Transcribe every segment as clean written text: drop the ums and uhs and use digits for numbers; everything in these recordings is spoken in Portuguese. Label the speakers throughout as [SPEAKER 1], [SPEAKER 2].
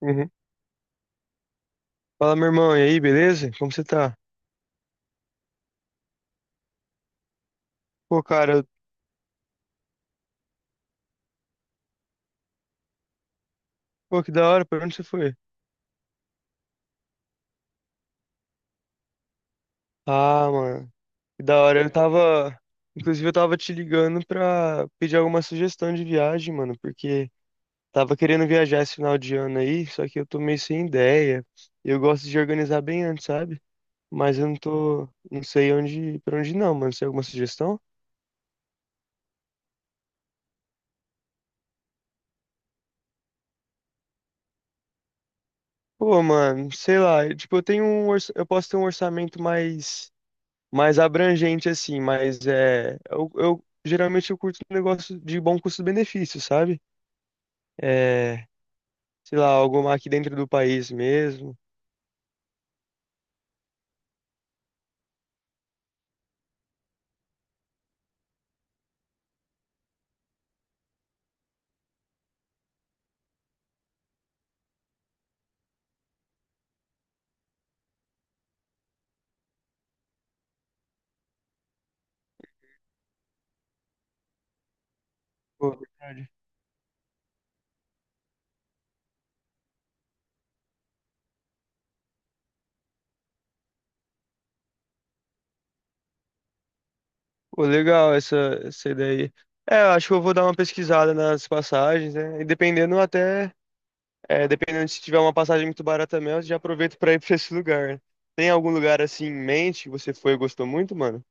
[SPEAKER 1] Uhum. Fala, meu irmão, e aí, beleza? Como você tá? Pô, cara, pô, que da hora, pra onde você foi? Ah, mano, que da hora. Eu tava, inclusive, eu tava te ligando pra pedir alguma sugestão de viagem, mano, porque tava querendo viajar esse final de ano aí, só que eu tô meio sem ideia. Eu gosto de organizar bem antes, sabe? Mas eu não tô, não sei onde, pra onde não, mano. Você tem alguma sugestão? Pô, mano, sei lá, tipo, eu tenho um, eu posso ter um orçamento mais abrangente, assim, mas é, eu geralmente eu curto um negócio de bom custo-benefício, sabe? É, sei lá, algo aqui dentro do país mesmo. Pô, verdade. Pô, legal essa ideia aí. É, eu acho que eu vou dar uma pesquisada nas passagens, né? E dependendo até, é, dependendo se tiver uma passagem muito barata mesmo, eu já aproveito pra ir pra esse lugar. Né? Tem algum lugar assim em mente que você foi e gostou muito, mano?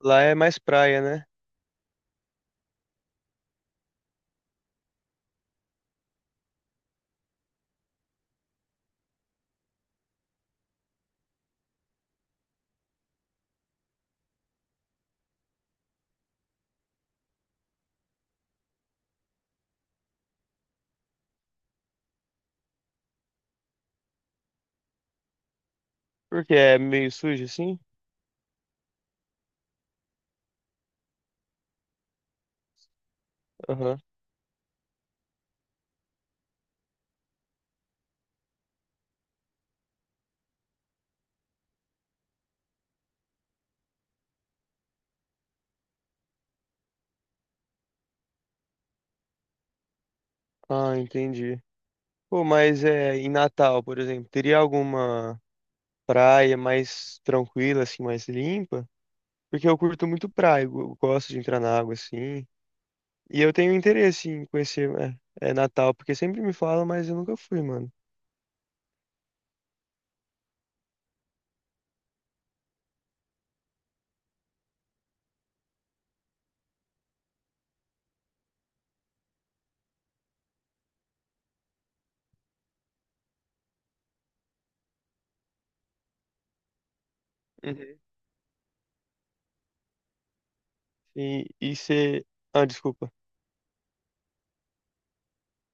[SPEAKER 1] Lá é mais praia, né? Porque é meio sujo assim? Aham. Ah, entendi. Pô, mas é, em Natal, por exemplo, teria alguma praia mais tranquila, assim, mais limpa? Porque eu curto muito praia, eu gosto de entrar na água, assim. E eu tenho interesse em conhecer é, é, Natal, porque sempre me falam, mas eu nunca fui, mano. Uhum. E você... Ah, desculpa.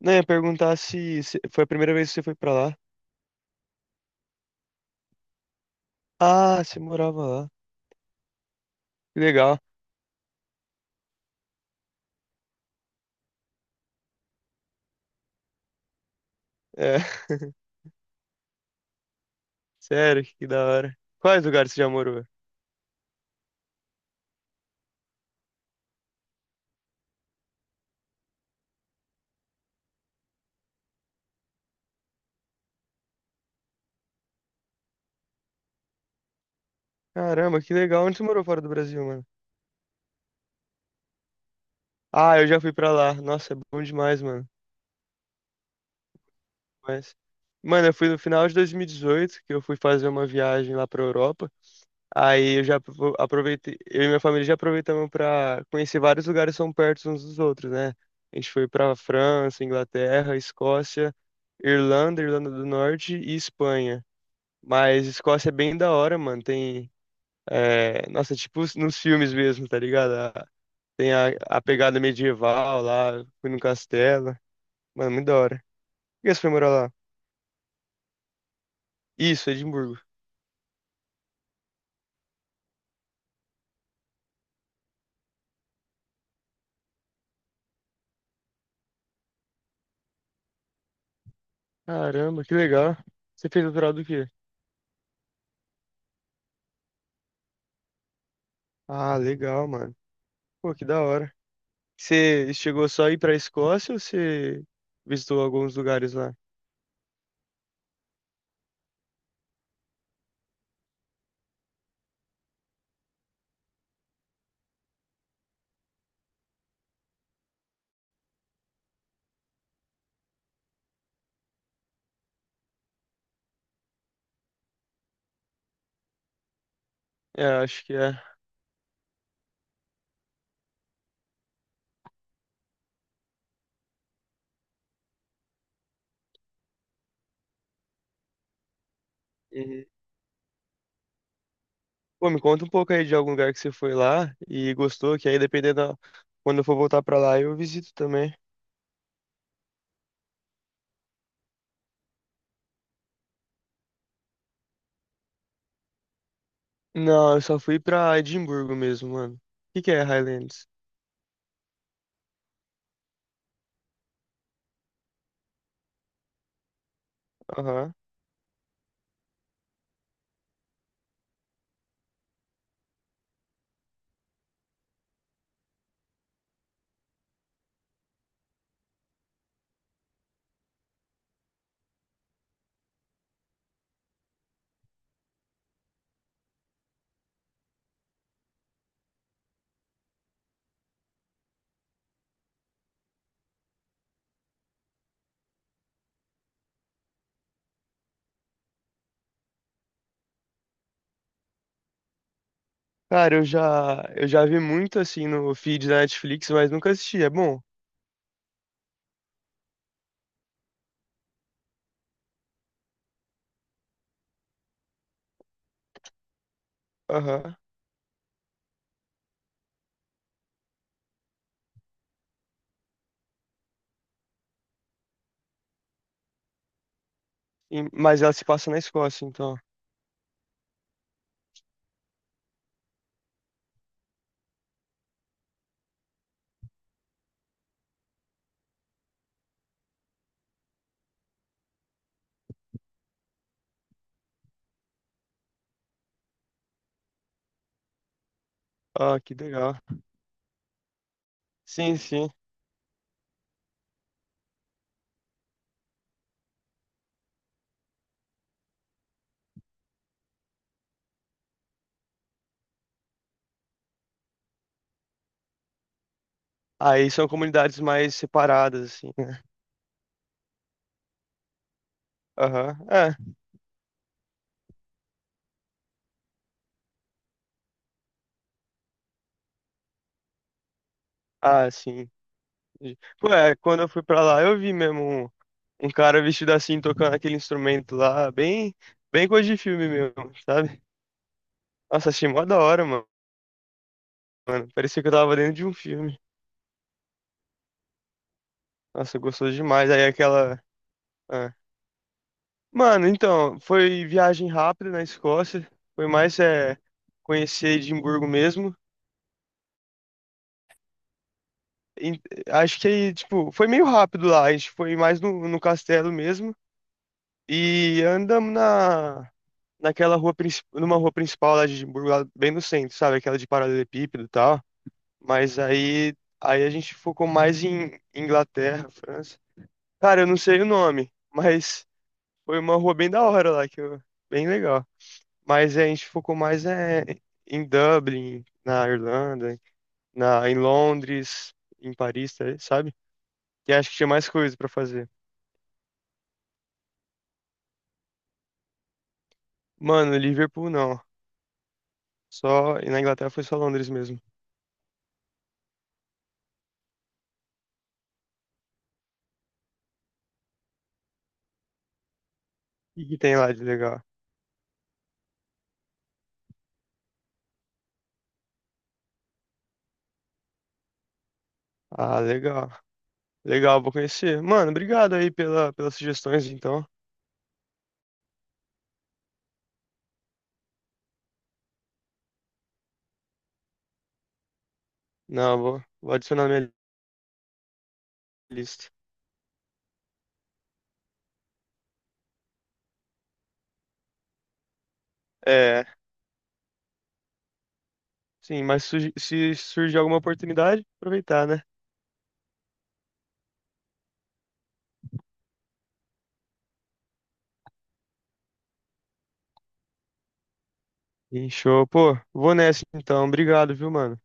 [SPEAKER 1] Não, eu ia perguntar se, se foi a primeira vez que você foi pra lá. Ah, você morava lá. Que legal. É, sério, que da hora. Quais lugares você já morou? Caramba, que legal. Onde você morou fora do Brasil, mano? Ah, eu já fui pra lá. Nossa, é bom demais, mano. Mas, mano, eu fui no final de 2018, que eu fui fazer uma viagem lá pra Europa. Aí eu já aproveitei, eu e minha família já aproveitamos pra conhecer vários lugares que são perto uns dos outros, né? A gente foi pra França, Inglaterra, Escócia, Irlanda, Irlanda do Norte e Espanha. Mas Escócia é bem da hora, mano. Tem, é, nossa, tipo nos filmes mesmo, tá ligado? Tem a pegada medieval lá, fui no castelo. Mano, muito da hora. E você foi morar lá? Isso, Edimburgo. Caramba, que legal. Você fez doutorado do quê? Ah, legal, mano. Pô, que da hora. Você chegou só a ir pra Escócia ou você visitou alguns lugares lá? É, acho que é. Uhum. Pô, me conta um pouco aí de algum lugar que você foi lá e gostou, que aí dependendo da... Quando eu for voltar pra lá, eu visito também. Não, eu só fui pra Edimburgo mesmo, mano. O que que é Highlands? Aham. Cara, eu já vi muito assim no feed da Netflix, mas nunca assisti. É bom? Aham. Sim, mas ela se passa na Escócia, então. Ah, que legal. Sim, sim. Aí são comunidades mais separadas, assim, né? Aham. É. Ah, sim. Pô, é, quando eu fui pra lá, eu vi mesmo um, um cara vestido assim, tocando aquele instrumento lá, bem, bem coisa de filme mesmo, sabe? Nossa, achei mó da hora, mano. Mano, parecia que eu tava dentro de um filme. Nossa, gostoso demais. Aí aquela. Ah. Mano, então, foi viagem rápida na Escócia. Foi mais é, conhecer Edimburgo mesmo. em- Acho que tipo, foi meio rápido lá. A gente foi mais no castelo mesmo. E andamos na, naquela rua, numa rua principal lá de Edimburgo, lá bem no centro, sabe? Aquela de paralelepípedo e tal. Mas aí, aí a gente focou mais em Inglaterra, França. Cara, eu não sei o nome, mas foi uma rua bem da hora lá, bem legal. Mas a gente focou mais é, em Dublin, na Irlanda, em Londres, em Paris, tá aí, sabe? Que acho que tinha mais coisa pra fazer. Mano, Liverpool não. Só, e na Inglaterra foi só Londres mesmo. E que tem lá de legal? Ah, legal. Legal, vou conhecer. Mano, obrigado aí pelas sugestões, então. Não, vou adicionar na minha lista. É, sim, mas se surgir alguma oportunidade, aproveitar, né? Sim, show. Pô, vou nessa então. Obrigado, viu, mano?